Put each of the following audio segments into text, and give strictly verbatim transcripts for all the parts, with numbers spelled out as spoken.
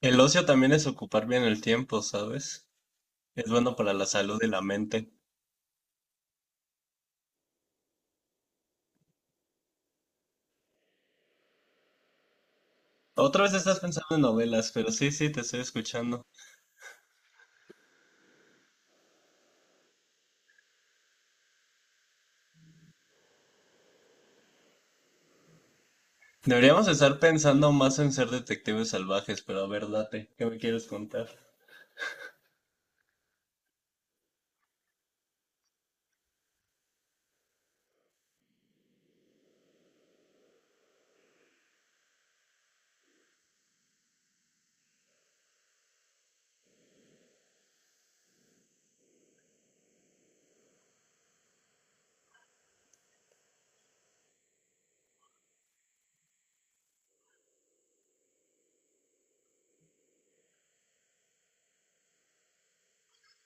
El ocio también es ocupar bien el tiempo, ¿sabes? Es bueno para la salud y la mente. Otra vez estás pensando en novelas, pero sí, sí, te estoy escuchando. Deberíamos estar pensando más en ser detectives salvajes, pero a ver, date, ¿qué me quieres contar?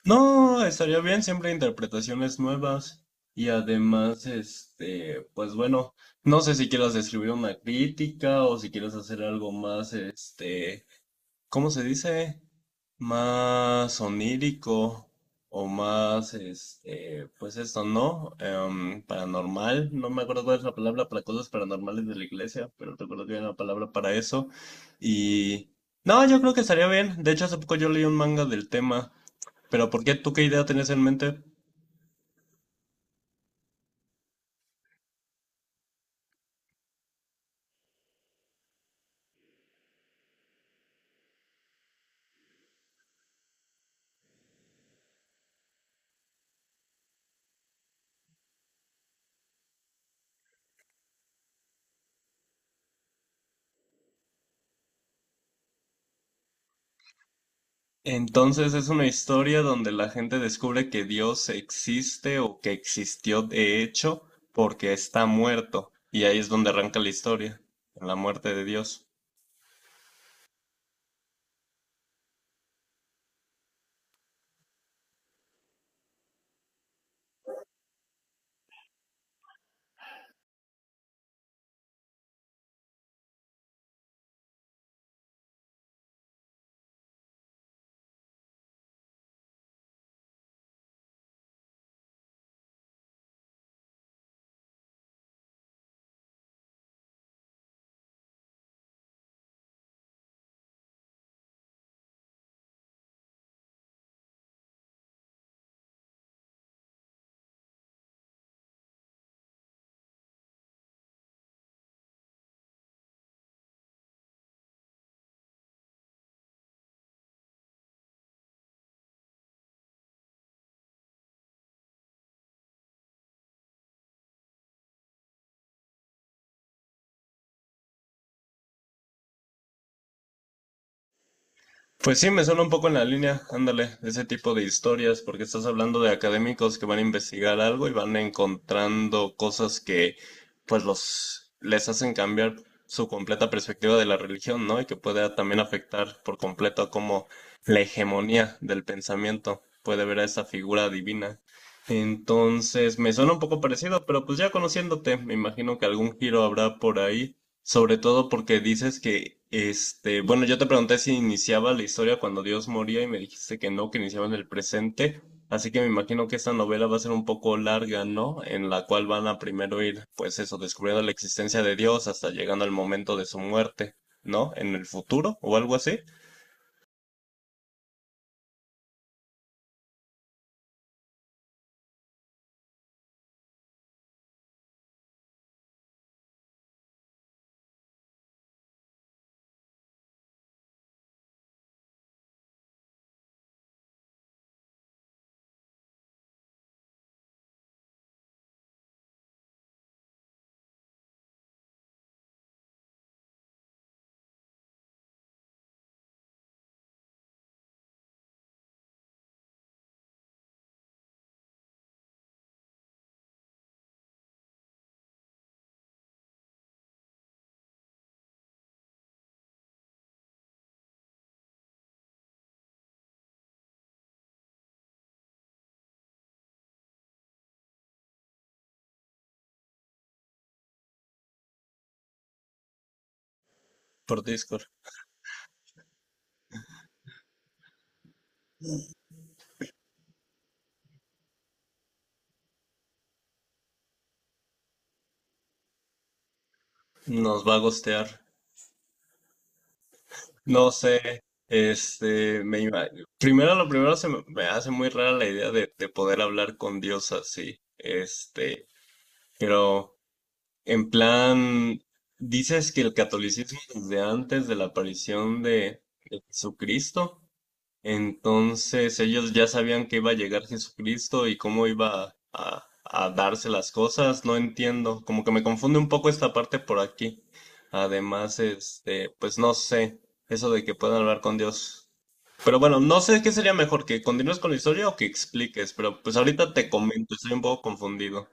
No, estaría bien siempre interpretaciones nuevas. Y además, este, pues bueno, no sé si quieras escribir una crítica o si quieres hacer algo más, este, ¿cómo se dice? Más onírico o más, este, pues esto, ¿no? Em, paranormal, no me acuerdo cuál es la palabra para cosas paranormales de la iglesia, pero recuerdo que había una palabra para eso. Y no, yo creo que estaría bien. De hecho, hace poco yo leí un manga del tema, pero ¿por qué tú qué idea tenés en mente? Entonces es una historia donde la gente descubre que Dios existe o que existió de hecho porque está muerto. Y ahí es donde arranca la historia, en la muerte de Dios. Pues sí, me suena un poco en la línea, ándale, ese tipo de historias, porque estás hablando de académicos que van a investigar algo y van encontrando cosas que pues los les hacen cambiar su completa perspectiva de la religión, ¿no? Y que puede también afectar por completo a cómo la hegemonía del pensamiento puede ver a esa figura divina. Entonces, me suena un poco parecido, pero pues ya conociéndote, me imagino que algún giro habrá por ahí. Sobre todo porque dices que, este, bueno, yo te pregunté si iniciaba la historia cuando Dios moría y me dijiste que no, que iniciaba en el presente. Así que me imagino que esta novela va a ser un poco larga, ¿no? En la cual van a primero ir, pues eso, descubriendo la existencia de Dios hasta llegando al momento de su muerte, ¿no? En el futuro o algo así, por Discord. Nos va a gostear. No sé, este, me ima- primero lo primero se me me hace muy rara la idea de, de poder hablar con Dios así. Este, pero, en plan, dices que el catolicismo desde antes de la aparición de, de Jesucristo, entonces ellos ya sabían que iba a llegar Jesucristo y cómo iba a, a darse las cosas, no entiendo, como que me confunde un poco esta parte por aquí. Además, este, pues no sé, eso de que puedan hablar con Dios. Pero bueno, no sé qué sería mejor, que continúes con la historia o que expliques, pero pues ahorita te comento, estoy un poco confundido.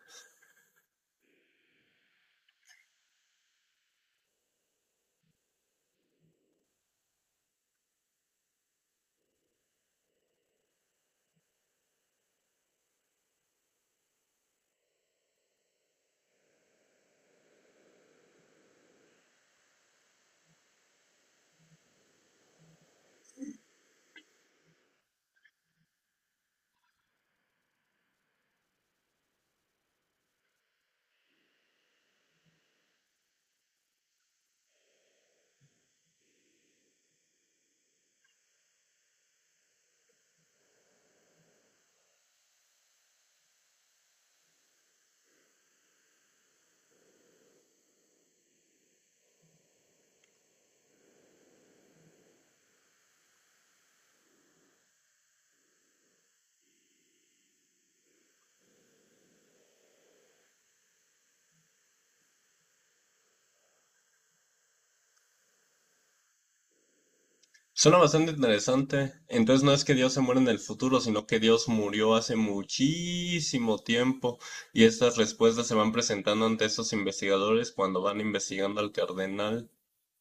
Suena bastante interesante. Entonces no es que Dios se muera en el futuro, sino que Dios murió hace muchísimo tiempo y estas respuestas se van presentando ante estos investigadores cuando van investigando al cardenal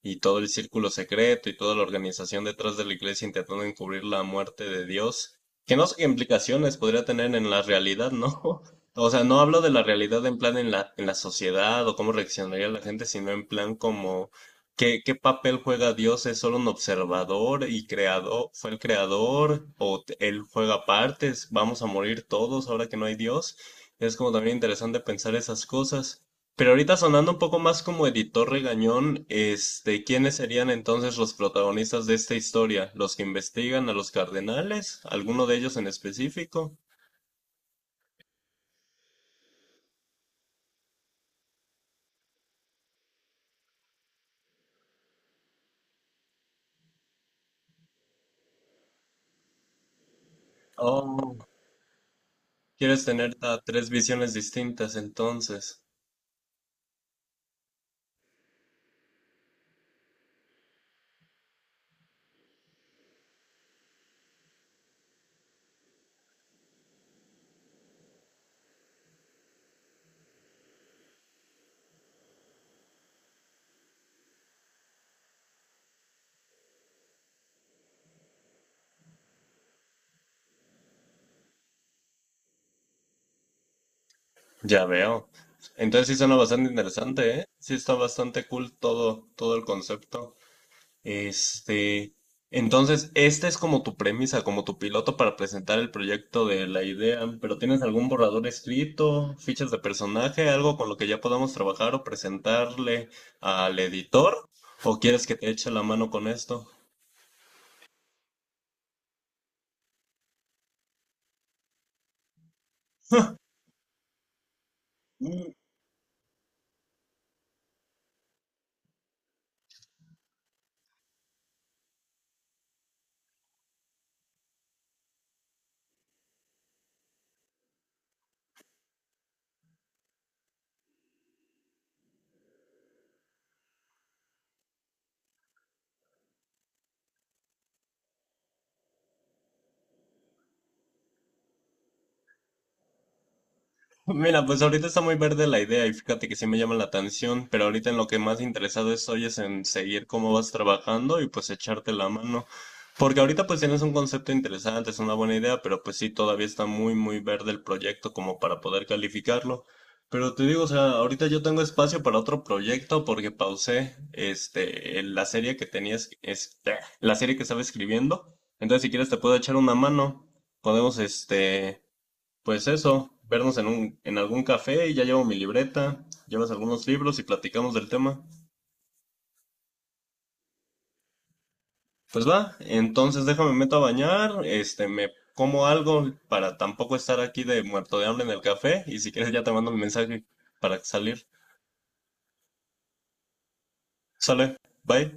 y todo el círculo secreto y toda la organización detrás de la iglesia intentando encubrir la muerte de Dios, que no sé qué implicaciones podría tener en la realidad, ¿no? O sea, no hablo de la realidad en plan en la, en la sociedad o cómo reaccionaría la gente, sino en plan como ¿qué, qué papel juega Dios? ¿Es solo un observador y creador? ¿Fue el creador? ¿O t- él juega partes? ¿Vamos a morir todos ahora que no hay Dios? Es como también interesante pensar esas cosas. Pero ahorita sonando un poco más como editor regañón, este, ¿quiénes serían entonces los protagonistas de esta historia? ¿Los que investigan a los cardenales? ¿Alguno de ellos en específico? Oh, quieres tener ta- tres visiones distintas entonces. Ya veo. Entonces sí suena bastante interesante, ¿eh? Sí está bastante cool todo, todo el concepto. Este, entonces, esta es como tu premisa, como tu piloto para presentar el proyecto de la idea, pero ¿tienes algún borrador escrito, fichas de personaje, algo con lo que ya podamos trabajar o presentarle al editor? ¿O quieres que te eche la mano con esto? Mira, pues ahorita está muy verde la idea y fíjate que sí me llama la atención, pero ahorita en lo que más interesado estoy es en seguir cómo vas trabajando y pues echarte la mano. Porque ahorita pues tienes un concepto interesante, es una buena idea, pero pues sí, todavía está muy, muy verde el proyecto como para poder calificarlo. Pero te digo, o sea, ahorita yo tengo espacio para otro proyecto porque pausé este, el- la serie que tenías, este, la serie que estaba escribiendo. Entonces, si quieres te puedo echar una mano. Podemos, este... Pues eso, vernos en un, en algún café y ya llevo mi libreta, llevas algunos libros y platicamos del tema. Pues va, entonces déjame meto a bañar, este, me como algo para tampoco estar aquí de muerto de hambre en el café y si quieres ya te mando un mensaje para salir. Sale, bye.